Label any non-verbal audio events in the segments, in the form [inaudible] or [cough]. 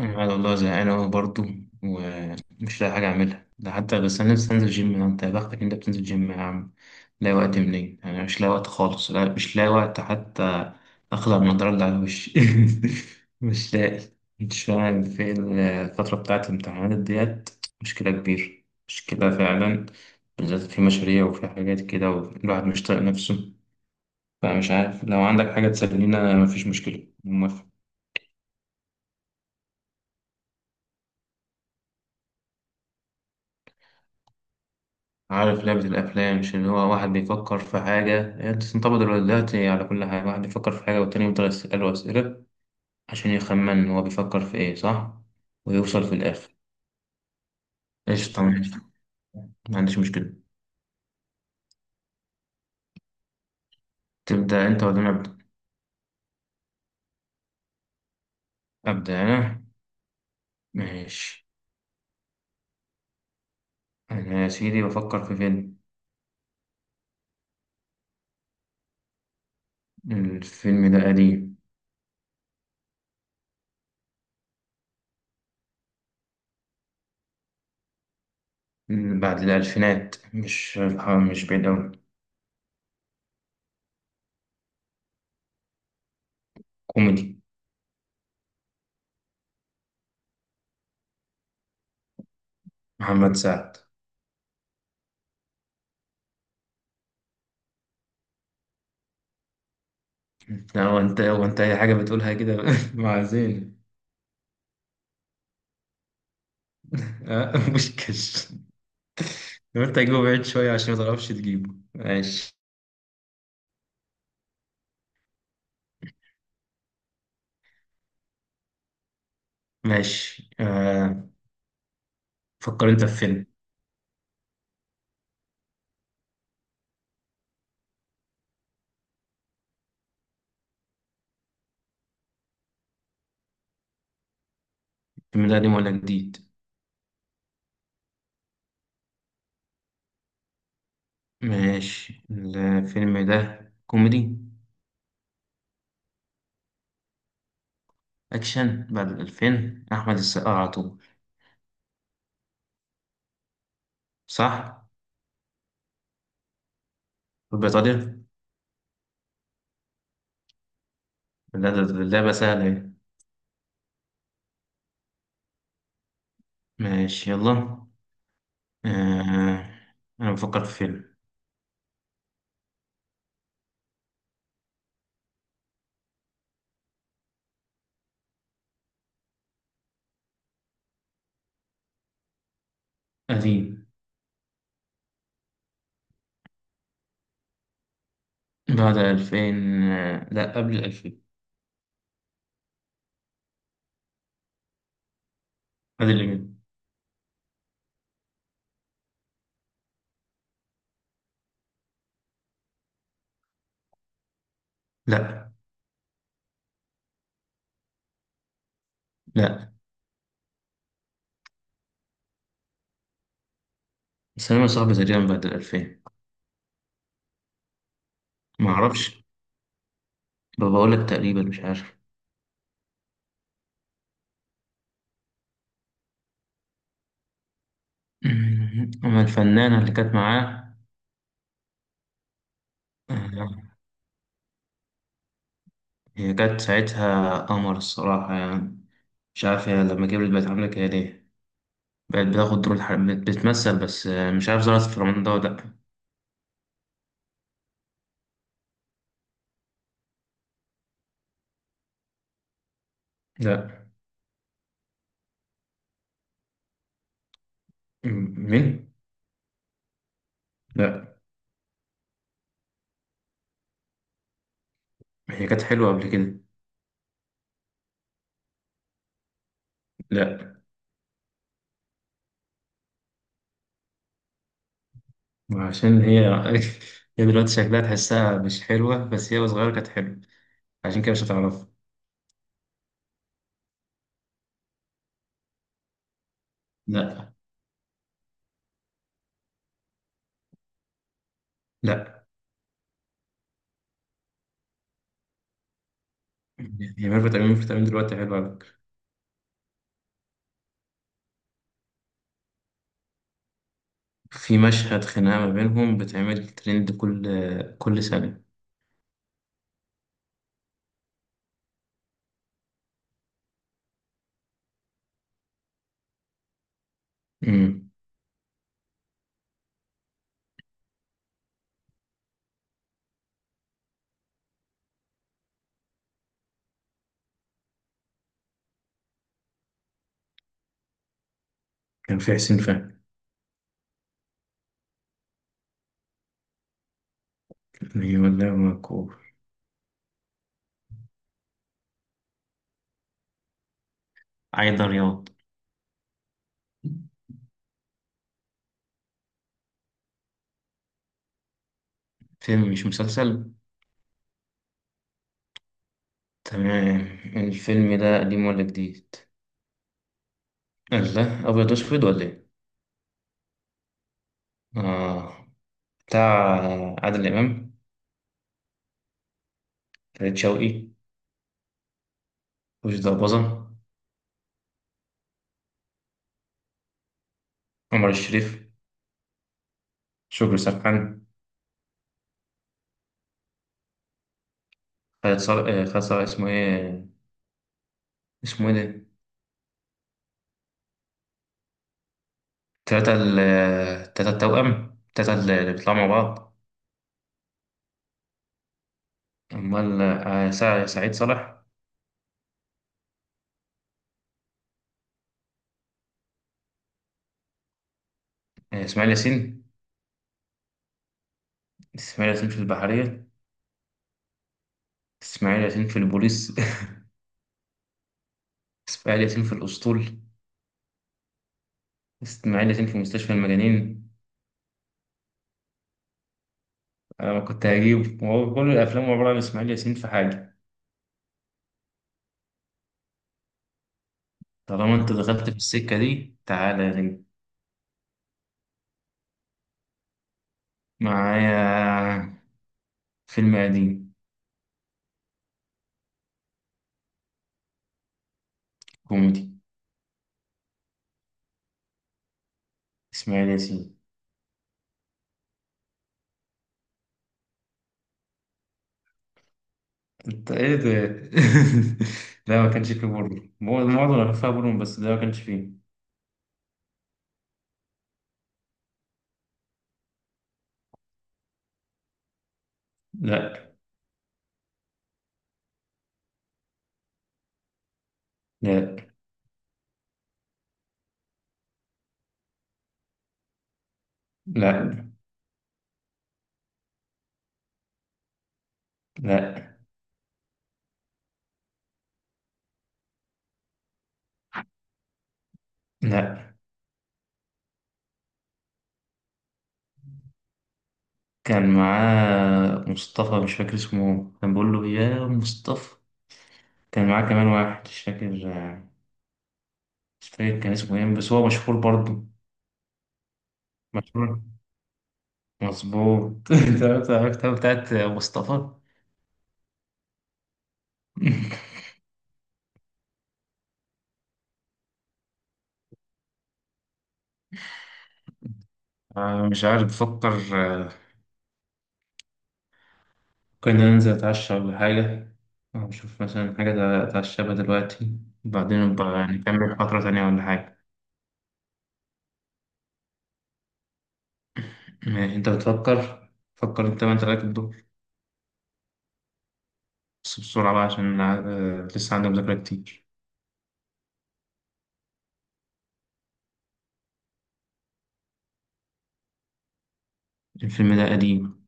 أنا والله زهقان أوي برضه، ومش لاقي حاجة أعملها ده حتى. بس أنا لسه هنزل جيم. أنت يا بختك، أنت بتنزل جيم يا عم. لاقي وقت منين؟ أنا مش لاقي وقت خالص. لا، مش لاقي وقت حتى. أخلع النضارة اللي على وشي. [laughs] مش لاقي. مش فاهم في الفترة بتاعت الامتحانات ديت. مشكلة كبيرة، مشكلة فعلا. بالذات في مشاريع وفي حاجات كده، والواحد مش طايق نفسه. فمش عارف، لو عندك حاجة تسلينا مفيش مشكلة، موافق. عارف لعبة الأفلام؟ مش اللي هو واحد بيفكر في حاجة هي بتنطبق دلوقتي على كل حاجة، واحد بيفكر في حاجة والتاني يفضل يسأله أسئلة عشان يخمن هو بيفكر في إيه، صح؟ ويوصل في الآخر. قشطة، ماشي، ما عنديش مشكلة. تبدأ أنت ولا أنا أبدأ؟ أبدأ أنا. ماشي. أنا يا سيدي بفكر في فيلم. الفيلم ده قديم، بعد الألفينات. مش، مش بعيد أوي. كوميدي. محمد سعد. لا، هو أنت، هو أنت أي حاجة بتقولها كده. [laughs] مع زين. آه، [laughs] بوشكاش. لو انت هتجيبه بعيد شوية عشان ما تعرفش تجيبه، ماشي. ماشي آه. فكر انت في فيلم. الفيلم ده قديم ولا جديد؟ ماشي. الفيلم ده كوميدي؟ أكشن بعد الألفين، أحمد السقا على طول. صح؟ في بريطانيا. لا ده ده- ده بقى سهلة ايه. ماشي، يلا آه. أنا بفكر في فيلم قديم. بعد الألفين. آه، لا، قبل الألفين. قبل الألفين. لا. لا. السينما صعبة تقريبا بعد الألفين. ما أعرفش، بقول لك تقريبا مش عارف. [laughs] [clears throat] أما الفنانة اللي كانت معاه آه، هي كانت ساعتها قمر الصراحة يعني. مش عارف هي لما كبرت بقت عاملة كده ليه. بقت بتاخد دور بتمثل بس. آه، مش عارف ظهرت في رمضان ده ولا لأ. لأ. مين؟ لأ. هي كانت حلوة قبل كده. لأ، عشان هي [laughs] هي دلوقتي شكلها تحسها مش حلوة، بس هي وصغيرة كانت حلوة. عشان كده مش هتعرفها. لأ. لأ. هي ميرفت أمين، وميرفت أمين دلوقتي حلوة على فكرة. في مشهد خناقة ما بينهم بتعمل ترند كل سنة. امم كان في حسين فهمي. أيوة والله مكروه. عايدة رياض. فيلم مش مسلسل. تمام. الفيلم ده قديم ولا جديد؟ الله، أبيض وأسود ولا إيه؟ آه. بتاع عادل إمام. فريد شوقي. وش ضربظة. عمر الشريف. شكري سرحان. خالد صالح. آه، خالد صالح اسمه إيه؟ اسمه إيه ده؟ تلاتة ال، تلاتة التوأم، تلاتة اللي بيطلعوا مع بعض. أمال آه، سعيد صالح. آه، إسماعيل ياسين. إسماعيل ياسين في البحرية. إسماعيل ياسين في البوليس. [laughs] إسماعيل ياسين في الأسطول. إسماعيل ياسين في مستشفى المجانين. أنا ما كنت هجيب، وهو كل الأفلام عبارة عن إسماعيل ياسين في حاجة. طالما أنت دخلت في السكة دي تعالى يا نجم. معايا. فيلم قديم. كوميدي. إسماعيل ياسين. انت ايه ده؟ [laughs] لا، ما كانش فيه بورنو، معظم اللي فيها بورنو، بس ده ما كانش فيه. لا. لا. لا. لا. لا. كان معاه مصطفى، مش فاكر اسمه، كان بيقول له يا مصطفى. كان معاه كمان واحد مش فاكر. مش فاكر كان اسمه ايه، بس هو مشهور برضه. مشهور. مظبوط. [laughs] انت عرفت، عرفت بتاعت مصطفى. [laughs] آه، مش عارف، بفكر. ممكن ننزل أتعشى ولا حاجة، أو نشوف مثلا حاجة أتعشى بها دلوقتي، وبعدين نبقى نكمل فترة تانية ولا حاجة. ماشي، أنت بتفكر. فكر أنت، ما أنت راكب الدور. بس بسرعة بقى عشان لسه عندي مذاكرة كتير. الفيلم ده قديم.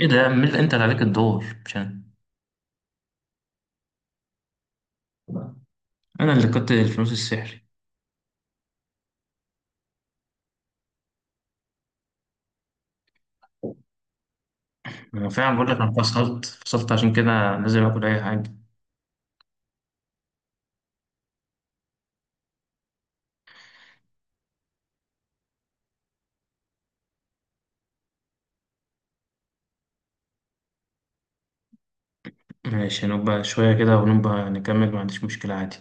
إيه ده يا عم، أنت اللي عليك الدور مش أنا. أنا اللي كنت الفلوس السحري. أنا فعلا بقول لك، أنا فصلت عشان كده لازم آكل أي حاجة. ماشي نبقى شوية كده ونبقى نكمل، ما عنديش مشكلة عادي.